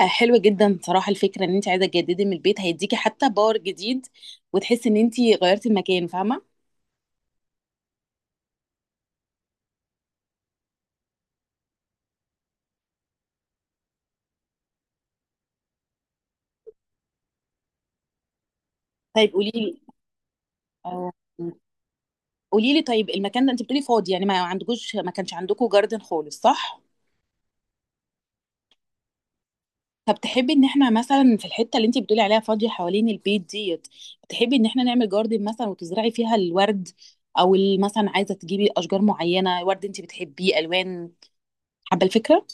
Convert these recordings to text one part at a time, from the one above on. حلوة جدا صراحة، الفكرة ان انت عايزة تجددي من البيت هيديكي حتى باور جديد، وتحسي ان انت غيرتي المكان. فاهمة؟ طيب، اه قولي لي طيب، المكان ده انت بتقولي فاضي، يعني ما عندكوش، ما كانش عندكوا جاردن خالص، صح؟ طب تحبي ان احنا مثلا في الحتة اللي انت بتقولي عليها فاضية حوالين البيت ديت، تحبي ان احنا نعمل جاردن مثلا وتزرعي فيها الورد؟ او مثلا عايزة تجيبي اشجار معينة، ورد انت بتحبيه، الوان. حابة الفكرة؟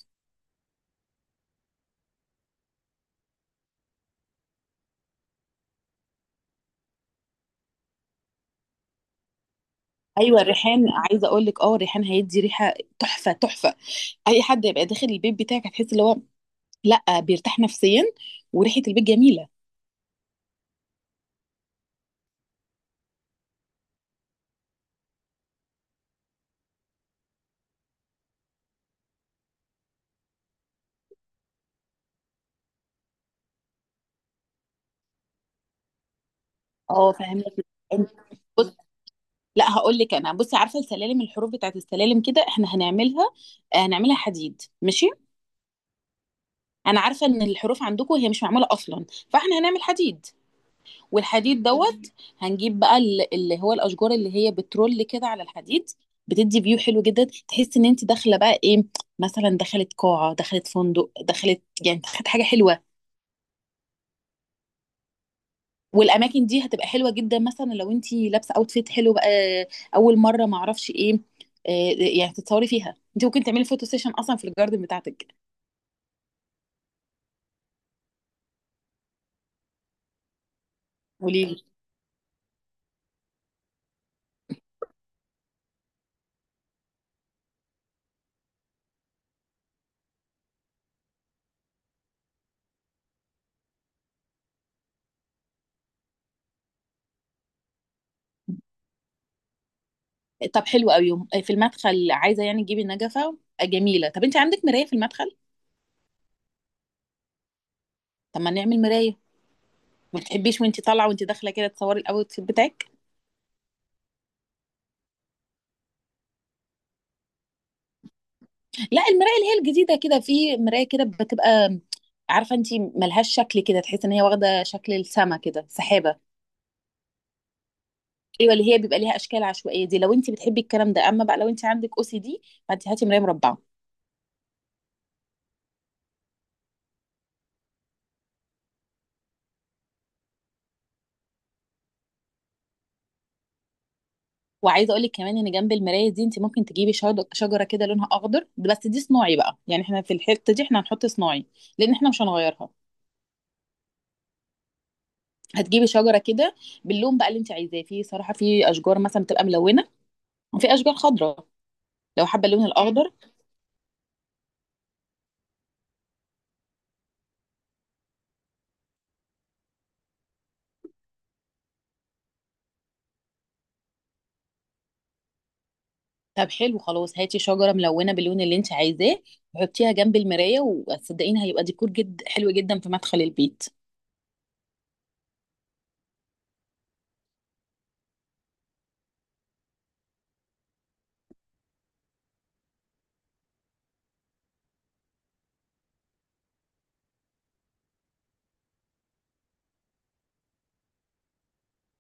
ايوه، الريحان، عايزه اقول لك، الريحان هيدي ريحه تحفه تحفه. اي حد يبقى داخل البيت بتاعك هتحس اللي هو، لا، بيرتاح نفسيا وريحه البيت جميله. اه فاهمك. أنت- بص، لا هقول لك انا، بصي، عارفه السلالم، الحروف بتاعت السلالم كده احنا هنعملها حديد، ماشي. انا عارفه ان الحروف عندكم هي مش معموله اصلا، فاحنا هنعمل حديد. والحديد دوت هنجيب بقى اللي هو الاشجار اللي هي بترول كده على الحديد. بتدي فيو حلو جدا، تحس ان انت داخله بقى ايه، مثلا دخلت قاعه، دخلت فندق، دخلت يعني دخلت حاجه حلوه. والاماكن دي هتبقى حلوه جدا، مثلا لو انت لابسه اوتفيت حلو بقى، اول مره ما اعرفش ايه، آه، يعني تتصوري فيها، انت ممكن تعملي فوتو سيشن اصلا في الجاردن بتاعتك. قولي لي. طب حلو قوي، في المدخل عايزه يعني تجيبي نجفه، جميله. طب انت عندك مرايه في المدخل؟ طب ما نعمل مرايه؟ ما بتحبيش وانت طالعه وانت داخله كده تصوري الاوت فيت بتاعك؟ لا، المرايه اللي هي الجديده كده، في مرايه كده بتبقى، عارفه انت ملهاش شكل كده، تحس ان هي واخده شكل السما كده، سحابه. ايوه، اللي هي بيبقى ليها اشكال عشوائيه دي لو انت بتحبي الكلام ده. اما بقى لو انت عندك او سي دي فانت هاتي مرايه مربعه. وعايزه اقول لك كمان ان جنب المرايه دي انت ممكن تجيبي شجره كده لونها اخضر، بس دي صناعي بقى، يعني احنا في الحته دي احنا هنحط صناعي لان احنا مش هنغيرها. هتجيبي شجره كده باللون بقى اللي انت عايزاه، في صراحه في اشجار مثلا بتبقى ملونه، وفي اشجار خضراء لو حابه اللون الاخضر. طب حلو، خلاص هاتي شجره ملونه باللون اللي انت عايزاه وحطيها جنب المرايه، وصدقيني هيبقى ديكور جد حلو جدا في مدخل البيت.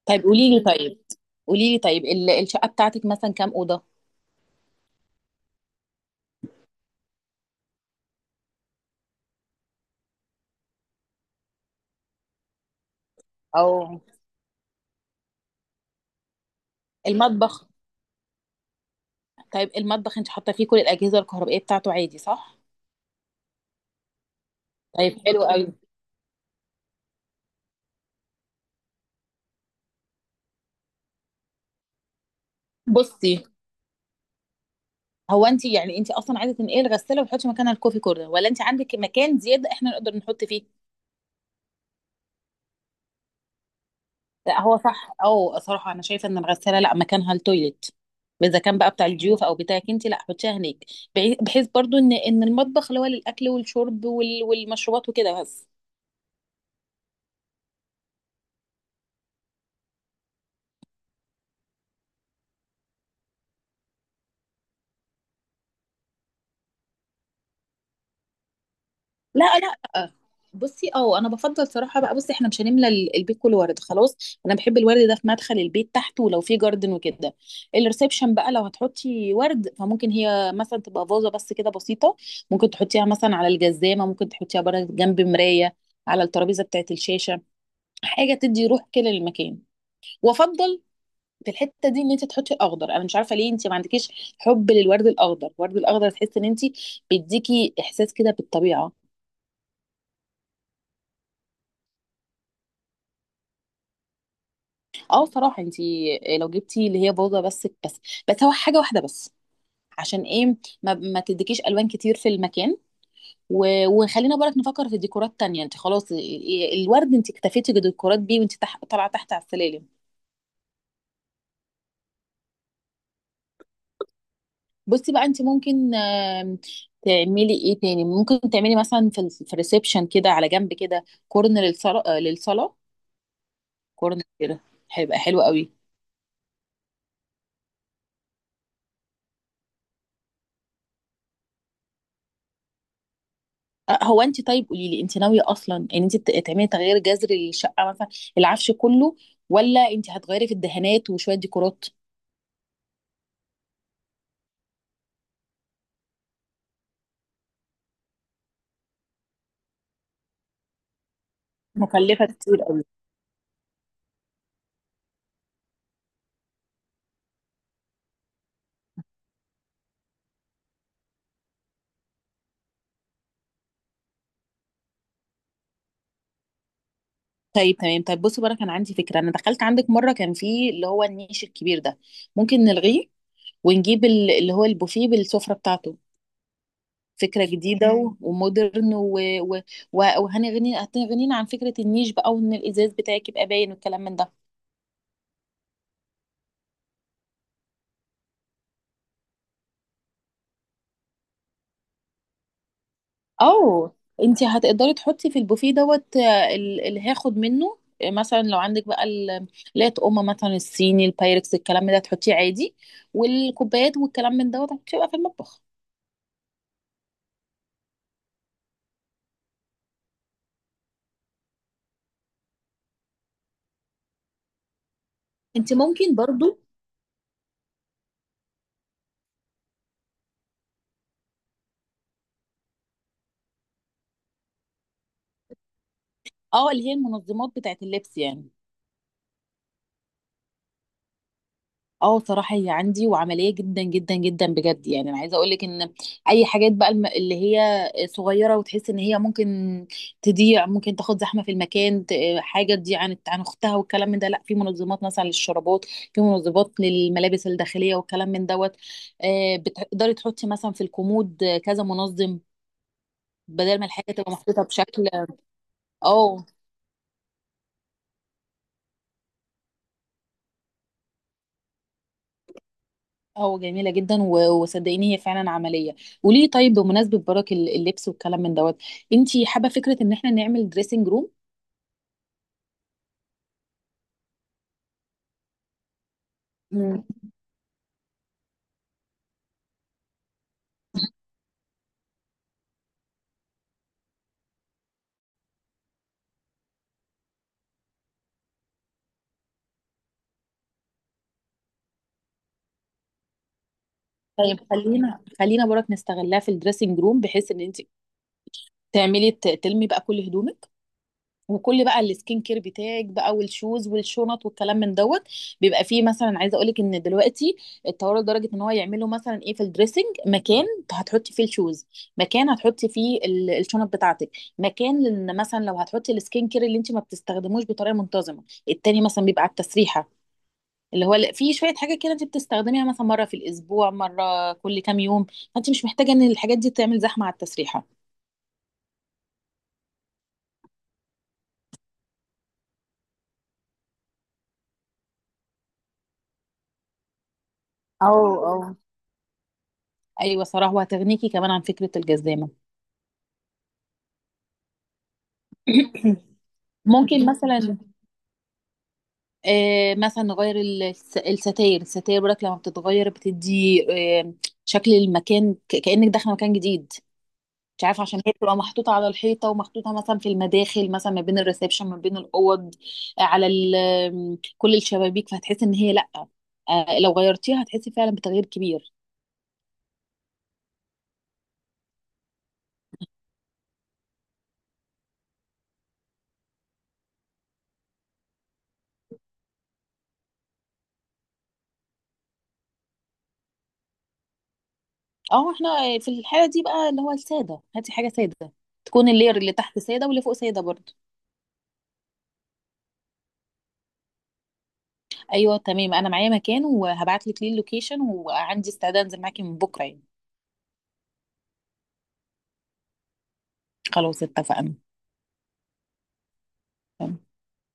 طيب قولي لي. طيب الشقه بتاعتك مثلا كام اوضه؟ او المطبخ. طيب المطبخ انت حاطه فيه كل الاجهزه الكهربائيه بتاعته عادي، صح؟ طيب حلو قوي. بصي، هو انت يعني انت اصلا عايزه تنقلي الغساله وتحطي مكانها الكوفي كورنر، ولا انت عندك مكان زياده احنا نقدر نحط فيه؟ لا، هو صح او صراحه انا شايفه ان الغساله لا مكانها التويليت، اذا كان بقى بتاع الضيوف او بتاعك انت، لا حطيها هناك. بحيث برضو ان المطبخ اللي هو للاكل والشرب والمشروبات وكده بس. لا، لا، بصي، انا بفضل صراحه بقى، بصي احنا مش هنملى البيت كله ورد، خلاص، انا بحب الورد ده في مدخل البيت تحت ولو في جاردن وكده. الريسبشن بقى لو هتحطي ورد، فممكن هي مثلا تبقى فازه بس كده بسيطه، ممكن تحطيها مثلا على الجزامه، ممكن تحطيها بره جنب مرايه، على الترابيزه بتاعت الشاشه، حاجه تدي روح كده للمكان. وافضل في الحته دي ان انت تحطي اخضر، انا مش عارفه ليه انت ما عندكيش حب للورد الاخضر، الورد الاخضر تحس ان انت بيديكي احساس كده بالطبيعه. اه صراحه انت لو جبتي اللي هي بوضه بس، بس هو حاجه واحده بس. عشان ايه؟ ما تديكيش الوان كتير في المكان، وخلينا بالك نفكر في ديكورات تانية. انت خلاص الورد انت اكتفيتي بديكورات بيه، وانت طالعه تحت على السلالم. بصي بقى، انت ممكن تعملي ايه تاني؟ ممكن تعملي مثلا في الريسبشن كده على جنب كده كورن للصلاة، للصلاة كورن كده، هيبقى حلو قوي. هو انت، طيب قولي لي، انت ناويه اصلا ان انت تعملي تغيير جذري للشقه؟ مثلا العفش كله، ولا انت هتغيري في الدهانات وشويه ديكورات مكلفه كتير قوي؟ طيب تمام، طيب بصي بقى، انا كان عندي فكره، انا دخلت عندك مره كان في اللي هو النيش الكبير ده، ممكن نلغيه ونجيب اللي هو البوفيه بالسفره بتاعته. فكرة جديدة ومودرن و... و... و- وهنغني هتغنينا عن فكرة النيش بقى، وان الازاز بتاعك يبقى باين والكلام من ده. او، انت هتقدري تحطي في البوفيه دوت، اللي هاخد منه، مثلا لو عندك بقى لا تقوم مثلا الصيني البايركس الكلام ده تحطيه عادي، والكوبايات والكلام من دوت هتبقى في المطبخ. انت ممكن برضو، اه اللي هي المنظمات بتاعت اللبس، يعني اه صراحة هي عندي وعملية جدا جدا جدا بجد، يعني انا عايزة اقولك ان اي حاجات بقى اللي هي صغيرة، وتحس ان هي ممكن تضيع، ممكن تاخد زحمة في المكان حاجة تضيع عن اختها والكلام من ده. لا، في منظمات مثلا للشرابات، في منظمات للملابس الداخلية والكلام من دوت. بتقدري تحطي مثلا في الكومود كذا منظم. بدل ما الحاجة تبقى محطوطة بشكل، اه اه جميلة جدا وصدقيني هي فعلا عملية. وليه طيب، بمناسبة برك اللبس والكلام من دوت، انتي حابة فكرة ان احنا نعمل دريسنج روم؟ مم. طيب خلينا برك نستغلها في الدريسنج روم، بحيث ان انتي تعملي تلمي بقى كل هدومك. وكل بقى السكين كير بتاعك بقى والشوز والشنط والكلام من دوت. بيبقى فيه مثلا، عايزه اقول لك ان دلوقتي اتطوروا لدرجه ان هو يعملوا مثلا ايه في الدريسنج، مكان هتحطي فيه الشوز، مكان هتحطي فيه الشنط بتاعتك، مكان ان مثلا لو هتحطي السكين كير اللي انت ما بتستخدموش بطريقه منتظمه، التاني مثلا بيبقى على التسريحه، اللي هو في شويه حاجه كده انت بتستخدميها مثلا مره في الاسبوع، مره كل كام يوم، فانت مش محتاجه ان الحاجات دي تعمل زحمه على التسريحه. او او ايوه صراحه، وهتغنيكي كمان عن فكره الجزامه. ممكن مثلا، مثلا نغير الستاير، الستاير برك لما بتتغير بتدي آه، شكل المكان، كأنك داخله مكان جديد. مش عارفه، عشان هي بتبقى محطوطه على الحيطه، ومحطوطه مثلا في المداخل، مثلا ما بين الريسبشن ما بين الاوض، كل الشبابيك، فهتحس ان هي لا، لو غيرتيها هتحسي فعلا بتغيير كبير. اه احنا، في الحاله دي بقى اللي هو الساده، هاتي حاجه ساده، تكون اللير اللي تحت ساده، واللي فوق ساده برضه. ايوه تمام، انا معايا مكان وهبعت لك ليه اللوكيشن، وعندي استعداد انزل معاكي من بكره يعني. خلاص اتفقنا.